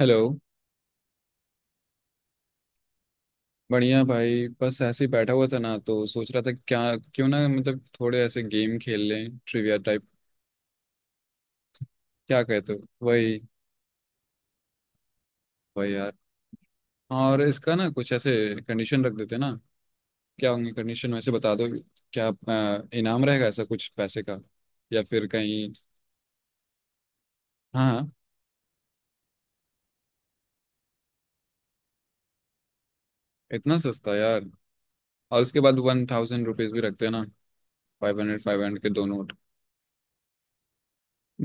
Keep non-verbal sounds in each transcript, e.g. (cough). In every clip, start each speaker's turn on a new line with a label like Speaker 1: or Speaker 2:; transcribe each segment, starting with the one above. Speaker 1: Hello. बढ़िया भाई, बस ऐसे ही बैठा हुआ था ना, तो सोच रहा था क्या क्यों ना, मतलब थोड़े ऐसे गेम खेल लें, ट्रिविया टाइप। क्या कहते हो? वही, वही यार। और इसका ना कुछ ऐसे कंडीशन रख देते हैं ना। क्या होंगे कंडीशन वैसे, बता दो। क्या इनाम रहेगा, ऐसा कुछ पैसे का या फिर कहीं? हाँ हाँ। इतना सस्ता यार। और उसके बाद 1,000 रुपीज भी रखते हैं ना। फाइव हंड्रेड 500 के दो नोट।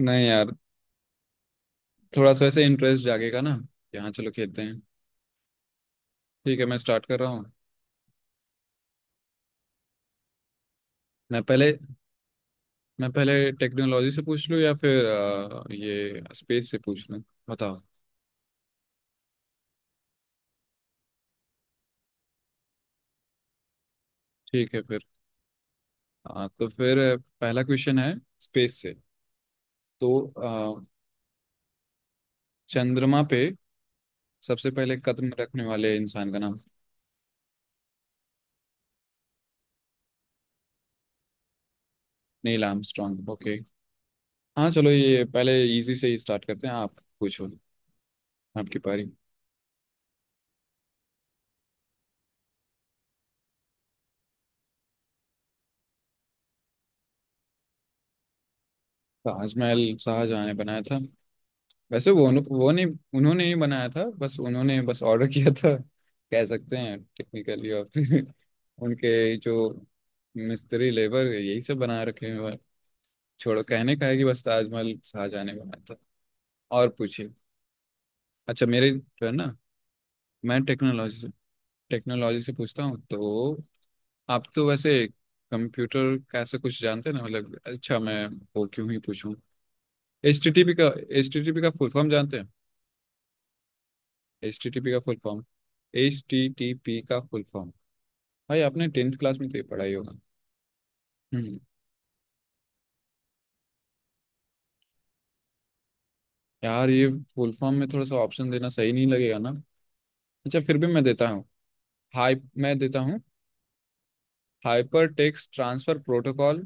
Speaker 1: नहीं यार, थोड़ा सा ऐसे इंटरेस्ट जागेगा ना। यहाँ चलो खेलते हैं। ठीक है, मैं स्टार्ट कर रहा हूँ। मैं पहले मैं पहले टेक्नोलॉजी से पूछ लूँ या फिर ये स्पेस से पूछ लूँ, बताओ। ठीक है फिर। तो फिर पहला क्वेश्चन है, स्पेस से। तो अ, चंद्रमा पे सबसे पहले कदम रखने वाले इंसान का नाम। Neil Armstrong, okay. हाँ चलो, ये पहले इजी से ही स्टार्ट करते हैं। आप पूछो, आपकी पारी। ताजमहल शाहजहाँ ने बनाया था। वैसे वो नहीं उन्होंने ही बनाया था, बस उन्होंने बस ऑर्डर किया था कह सकते हैं टेक्निकली, और फिर (laughs) उनके जो मिस्त्री लेबर यही सब बना रखे हैं। और छोड़ो, कहने का है कि बस ताजमहल शाहजहाँ ने बनाया था। और पूछिए। अच्छा मेरे जो है ना, मैं टेक्नोलॉजी से, टेक्नोलॉजी से पूछता हूँ तो आप तो वैसे कंप्यूटर का ऐसा कुछ जानते हैं ना। मतलब अच्छा, मैं वो क्यों ही पूछूं। HTTP का, HTTP का फुल फॉर्म जानते हैं? HTTP का फुल फॉर्म, HTTP का फुल फॉर्म। भाई आपने टेंथ क्लास में तो ये पढ़ा ही होगा। हम्म। यार ये फुल फॉर्म में थोड़ा सा ऑप्शन देना सही नहीं लगेगा ना। अच्छा फिर भी मैं देता हूँ। हाई, मैं देता हूँ। Hyper text transfer protocol,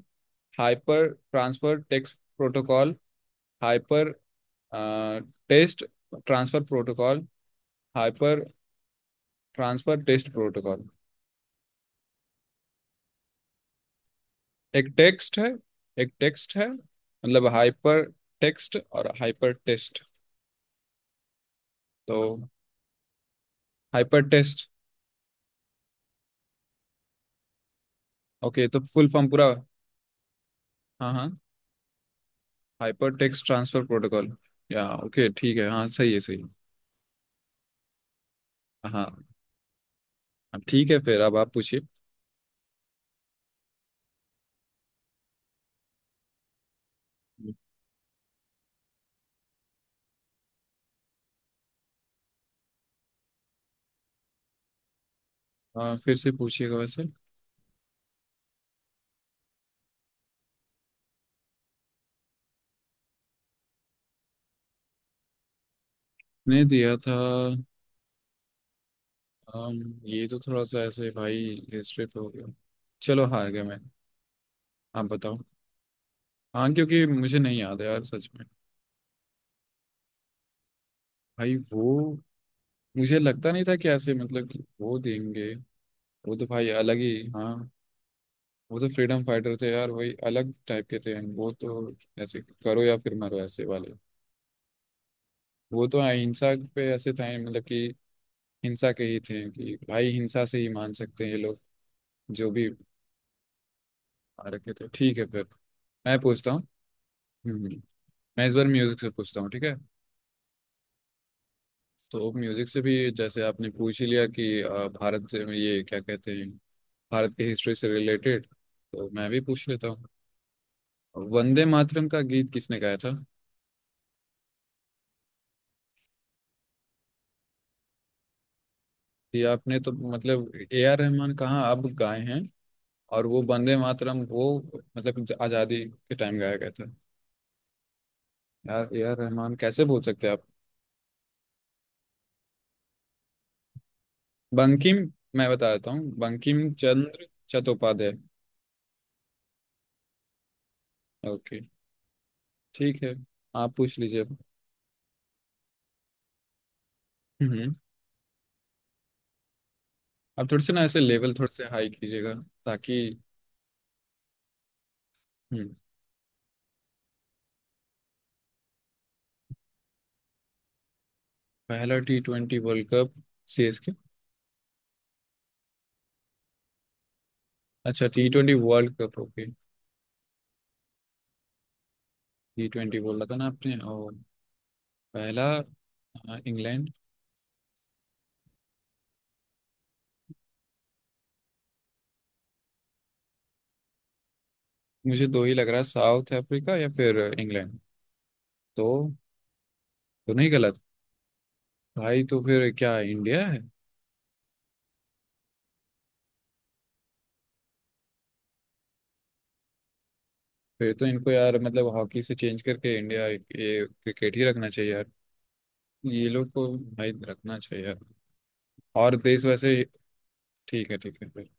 Speaker 1: hyper transfer text protocol, hyper test transfer protocol, hyper transfer test protocol. एक टेक्स्ट है एक टेक्स्ट है मतलब हाइपर टेक्स्ट और हाइपर टेस्ट। तो हाइपर टेक्स्ट। ओके, तो फुल फॉर्म पूरा, हाँ हाँ, हाइपर टेक्स्ट ट्रांसफर प्रोटोकॉल। या ओके ठीक है, हाँ सही है, सही है। हाँ। अब ठीक है फिर, अब आप पूछिए। हाँ फिर से पूछिएगा वैसे। ने दिया था, अम, ये तो थोड़ा सा ऐसे भाई हिस्ट्री पे हो गया। चलो हार गया मैं, आप बताओ। हाँ क्योंकि मुझे नहीं याद है यार, सच में। भाई वो, मुझे लगता नहीं था कि ऐसे, मतलब कि वो देंगे। वो तो भाई अलग ही, हाँ। वो तो फ्रीडम फाइटर थे यार, वही अलग टाइप के थे वो तो। ऐसे करो या फिर मरो, ऐसे वाले। वो तो अहिंसा पे ऐसे थे, मतलब कि हिंसा के ही थे, कि भाई हिंसा से ही मान सकते हैं ये लोग। जो भी आ रखे थे। ठीक है फिर, मैं पूछता हूँ। हम्म, मैं इस बार म्यूजिक से पूछता हूँ, ठीक है। तो म्यूजिक से भी, जैसे आपने पूछ ही लिया कि भारत से, ये क्या कहते हैं, भारत की हिस्ट्री से रिलेटेड, तो मैं भी पूछ लेता हूँ। वंदे मातरम का गीत किसने गाया था? ये आपने तो मतलब, A R रहमान कहाँ अब गाए हैं, और वो वंदे मातरम वो, मतलब आजादी के टाइम गाया गया था यार। ए आर रहमान कैसे बोल सकते हैं आप। बंकिम, मैं बता देता हूँ, बंकिम चंद्र चट्टोपाध्याय। ओके, ठीक है। आप पूछ लीजिए अब। हम्म। आप थोड़े से ना ऐसे लेवल थोड़े से हाई कीजिएगा, ताकि। हम्म। पहला T20 वर्ल्ड कप, CSK। अच्छा, T20 world Cup, okay. T20 बोला था ना आपने, और पहला, इंग्लैंड। मुझे दो ही लग रहा है, साउथ अफ्रीका या फिर इंग्लैंड। तो तो नहीं गलत? भाई तो फिर क्या इंडिया है? फिर तो इनको यार, मतलब हॉकी से चेंज करके इंडिया ये क्रिकेट ही रखना चाहिए यार। ये लोग को, भाई रखना चाहिए यार। और देश वैसे। ठीक है फिर,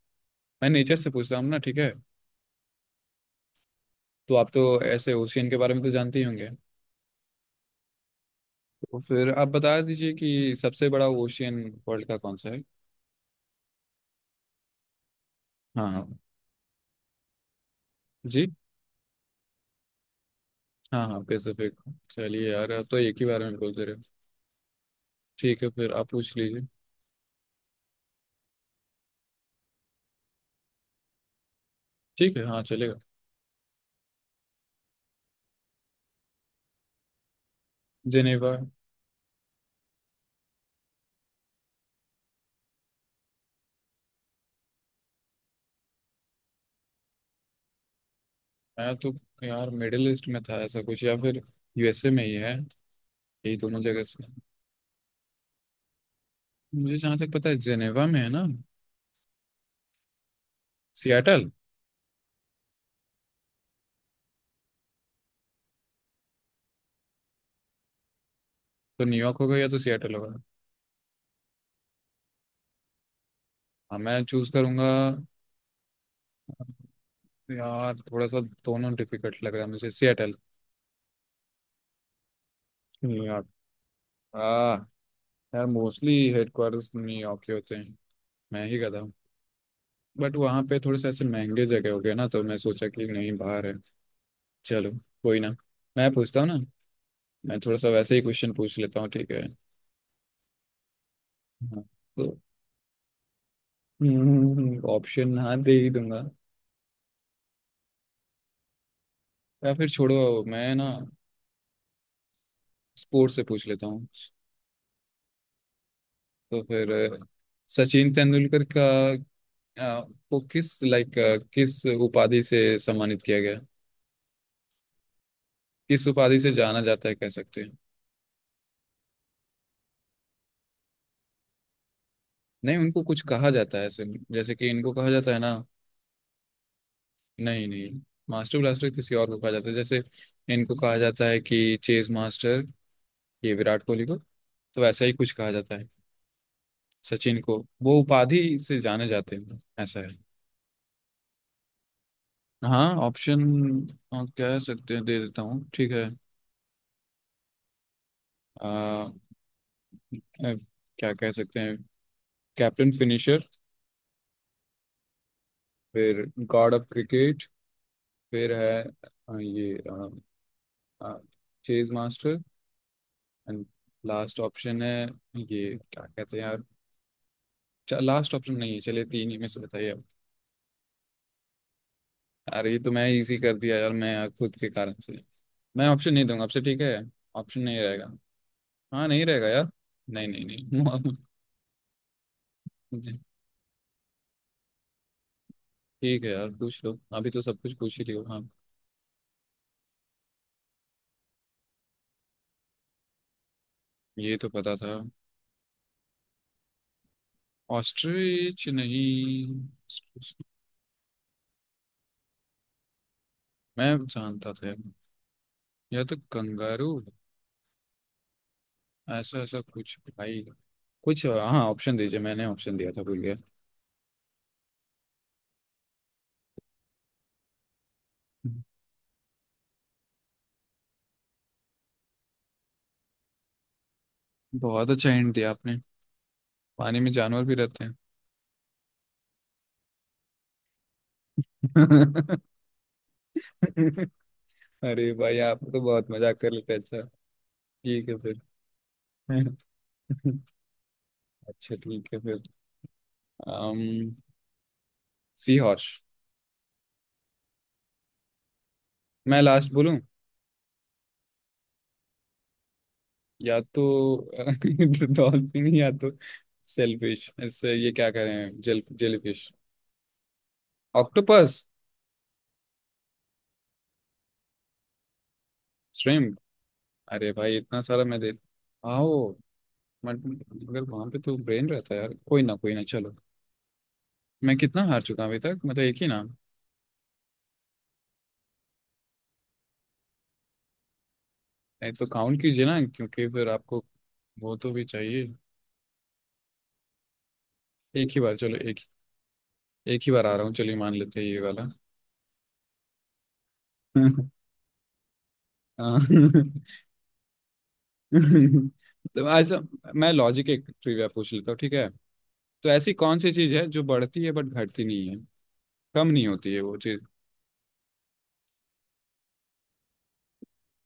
Speaker 1: मैं नेचर से पूछता हूँ ना, ठीक है। तो आप तो ऐसे ओशियन के बारे में तो जानते ही होंगे। तो फिर आप बता दीजिए कि सबसे बड़ा ओशियन वर्ल्ड का कौन सा है। हाँ हाँ। जी। हाँ हाँ पैसिफिक। चलिए यार, आप तो एक ही बारे में बोल दे रहे हो। ठीक है फिर, आप पूछ लीजिए। ठीक है, हाँ चलेगा। जेनेवा। मैं तो, यार मिडिल ईस्ट में था ऐसा कुछ, या फिर यूएसए में ही है, यही दोनों जगह से। मुझे जहाँ तक पता है जेनेवा में है ना। सियाटल। तो न्यूयॉर्क होगा या तो सियाटल होगा। हाँ मैं चूज करूंगा, यार थोड़ा सा दोनों डिफिकल्ट लग रहा है मुझे, सियाटल। न्यूयॉर्क। हाँ। यार मोस्टली हेडक्वार्टर्स न्यूयॉर्क के होते हैं, मैं ही गधा हूँ। बट वहाँ पे थोड़े से ऐसे महंगे जगह हो गए ना, तो मैं सोचा कि नहीं बाहर है। चलो, कोई ना। मैं पूछता हूँ ना, मैं थोड़ा सा वैसे ही क्वेश्चन पूछ लेता हूँ, ठीक है। हाँ। तो ऑप्शन, हाँ दे ही दूंगा। या फिर छोड़ो, मैं ना स्पोर्ट्स से पूछ लेता हूँ। तो फिर सचिन तेंदुलकर का, अ, को किस लाइक, किस उपाधि से सम्मानित किया गया, किस उपाधि से जाना जाता है कह सकते हैं। नहीं उनको कुछ कहा जाता है ऐसे, जैसे कि इनको कहा जाता है ना। नहीं नहीं, मास्टर ब्लास्टर किसी और को कहा जाता है। जैसे इनको कहा जाता है कि चेस मास्टर, ये विराट कोहली को। तो वैसा ही कुछ कहा जाता है सचिन को, वो उपाधि से जाने जाते हैं, ऐसा है। हाँ ऑप्शन कह सकते हैं दे देता हूँ, ठीक है। आ, F- क्या कह सकते हैं, कैप्टन फिनिशर, फिर गॉड ऑफ क्रिकेट, फिर है ये chase master, and last option है, ये क्या कहते हैं यार। लास्ट ऑप्शन नहीं है, चलिए 3 ही में से बताइए आप। यार ये तो मैं इजी कर दिया यार, मैं खुद के कारण से। मैं ऑप्शन नहीं दूंगा आपसे, ठीक है, ऑप्शन नहीं रहेगा। हाँ नहीं रहेगा यार, नहीं नहीं नहीं। (laughs) ठीक है यार, पूछ लो, अभी तो सब कुछ पूछ ही लियो, हाँ। ये तो पता था, ऑस्ट्रिच नहीं? मैं जानता था यार। या तो कंगारू, ऐसा ऐसा कुछ भाई, कुछ। हाँ ऑप्शन दीजिए, मैंने ऑप्शन दिया था, भूल गया। बहुत अच्छा हिंट दिया आपने, पानी में जानवर भी रहते हैं। (laughs) अरे भाई आप तो बहुत मजाक कर लेते हैं, अच्छा ठीक है फिर। (laughs) अच्छा ठीक है फिर। um, sea horse. मैं लास्ट बोलूं, या तो (laughs) डॉल्फिन, या तो सेलफिश, इससे ये क्या करें, जेलीफिश, ऑक्टोपस, श्रिम्प। अरे भाई, इतना सारा मैं दे आओ। मगर वहां पे तो ब्रेन रहता है यार, कोई ना कोई ना, चलो। मैं कितना हार चुका हूं अभी तक, मतलब एक ही ना। नहीं तो काउंट कीजिए ना, क्योंकि फिर आपको वो तो भी चाहिए। एक ही बार, चलो, एक एक ही बार आ रहा हूँ, चलिए मान लेते हैं ये वाला। (laughs) हाँ। (laughs) तो ऐसा, मैं लॉजिक एक ट्रिविया पूछ लेता हूँ, ठीक है। तो ऐसी कौन सी चीज है जो बढ़ती है बट घटती नहीं है, कम नहीं होती है वो चीज।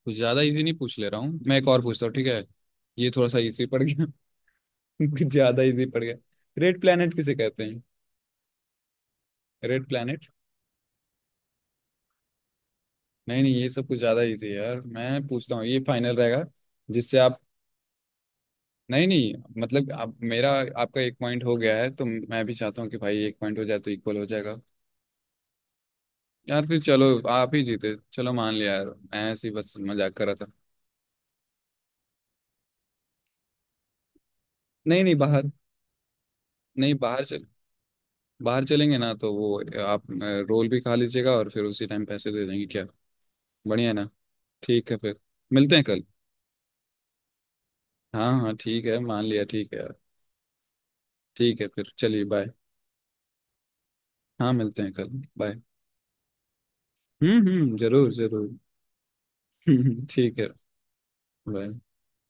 Speaker 1: कुछ ज्यादा इजी नहीं पूछ ले रहा हूँ मैं, एक और पूछता हूँ, ठीक है। ये थोड़ा सा इजी पड़ गया, (laughs) कुछ ज्यादा इजी पड़ गया। रेड प्लेनेट किसे कहते हैं? Red planet. नहीं नहीं, ये सब कुछ ज्यादा इजी है यार, मैं पूछता हूँ, ये फाइनल रहेगा। जिससे आप, नहीं नहीं, मतलब आप मेरा, आपका एक पॉइंट हो गया है, तो मैं भी चाहता हूँ कि भाई एक पॉइंट हो जाए तो इक्वल हो जाएगा। यार फिर चलो आप ही जीते, चलो मान लिया यार, मैं ऐसे ही बस मजाक कर रहा था। नहीं नहीं बाहर, नहीं बाहर चल, बाहर चलेंगे ना, तो वो आप रोल भी खा लीजिएगा, और फिर उसी टाइम पैसे दे देंगे क्या, बढ़िया है ना। ठीक है फिर, मिलते हैं कल। हाँ हाँ ठीक है मान लिया, ठीक है यार। ठीक है फिर चलिए, बाय। हाँ मिलते हैं कल, बाय। हम्म, जरूर जरूर। (laughs) ठीक है, बाय।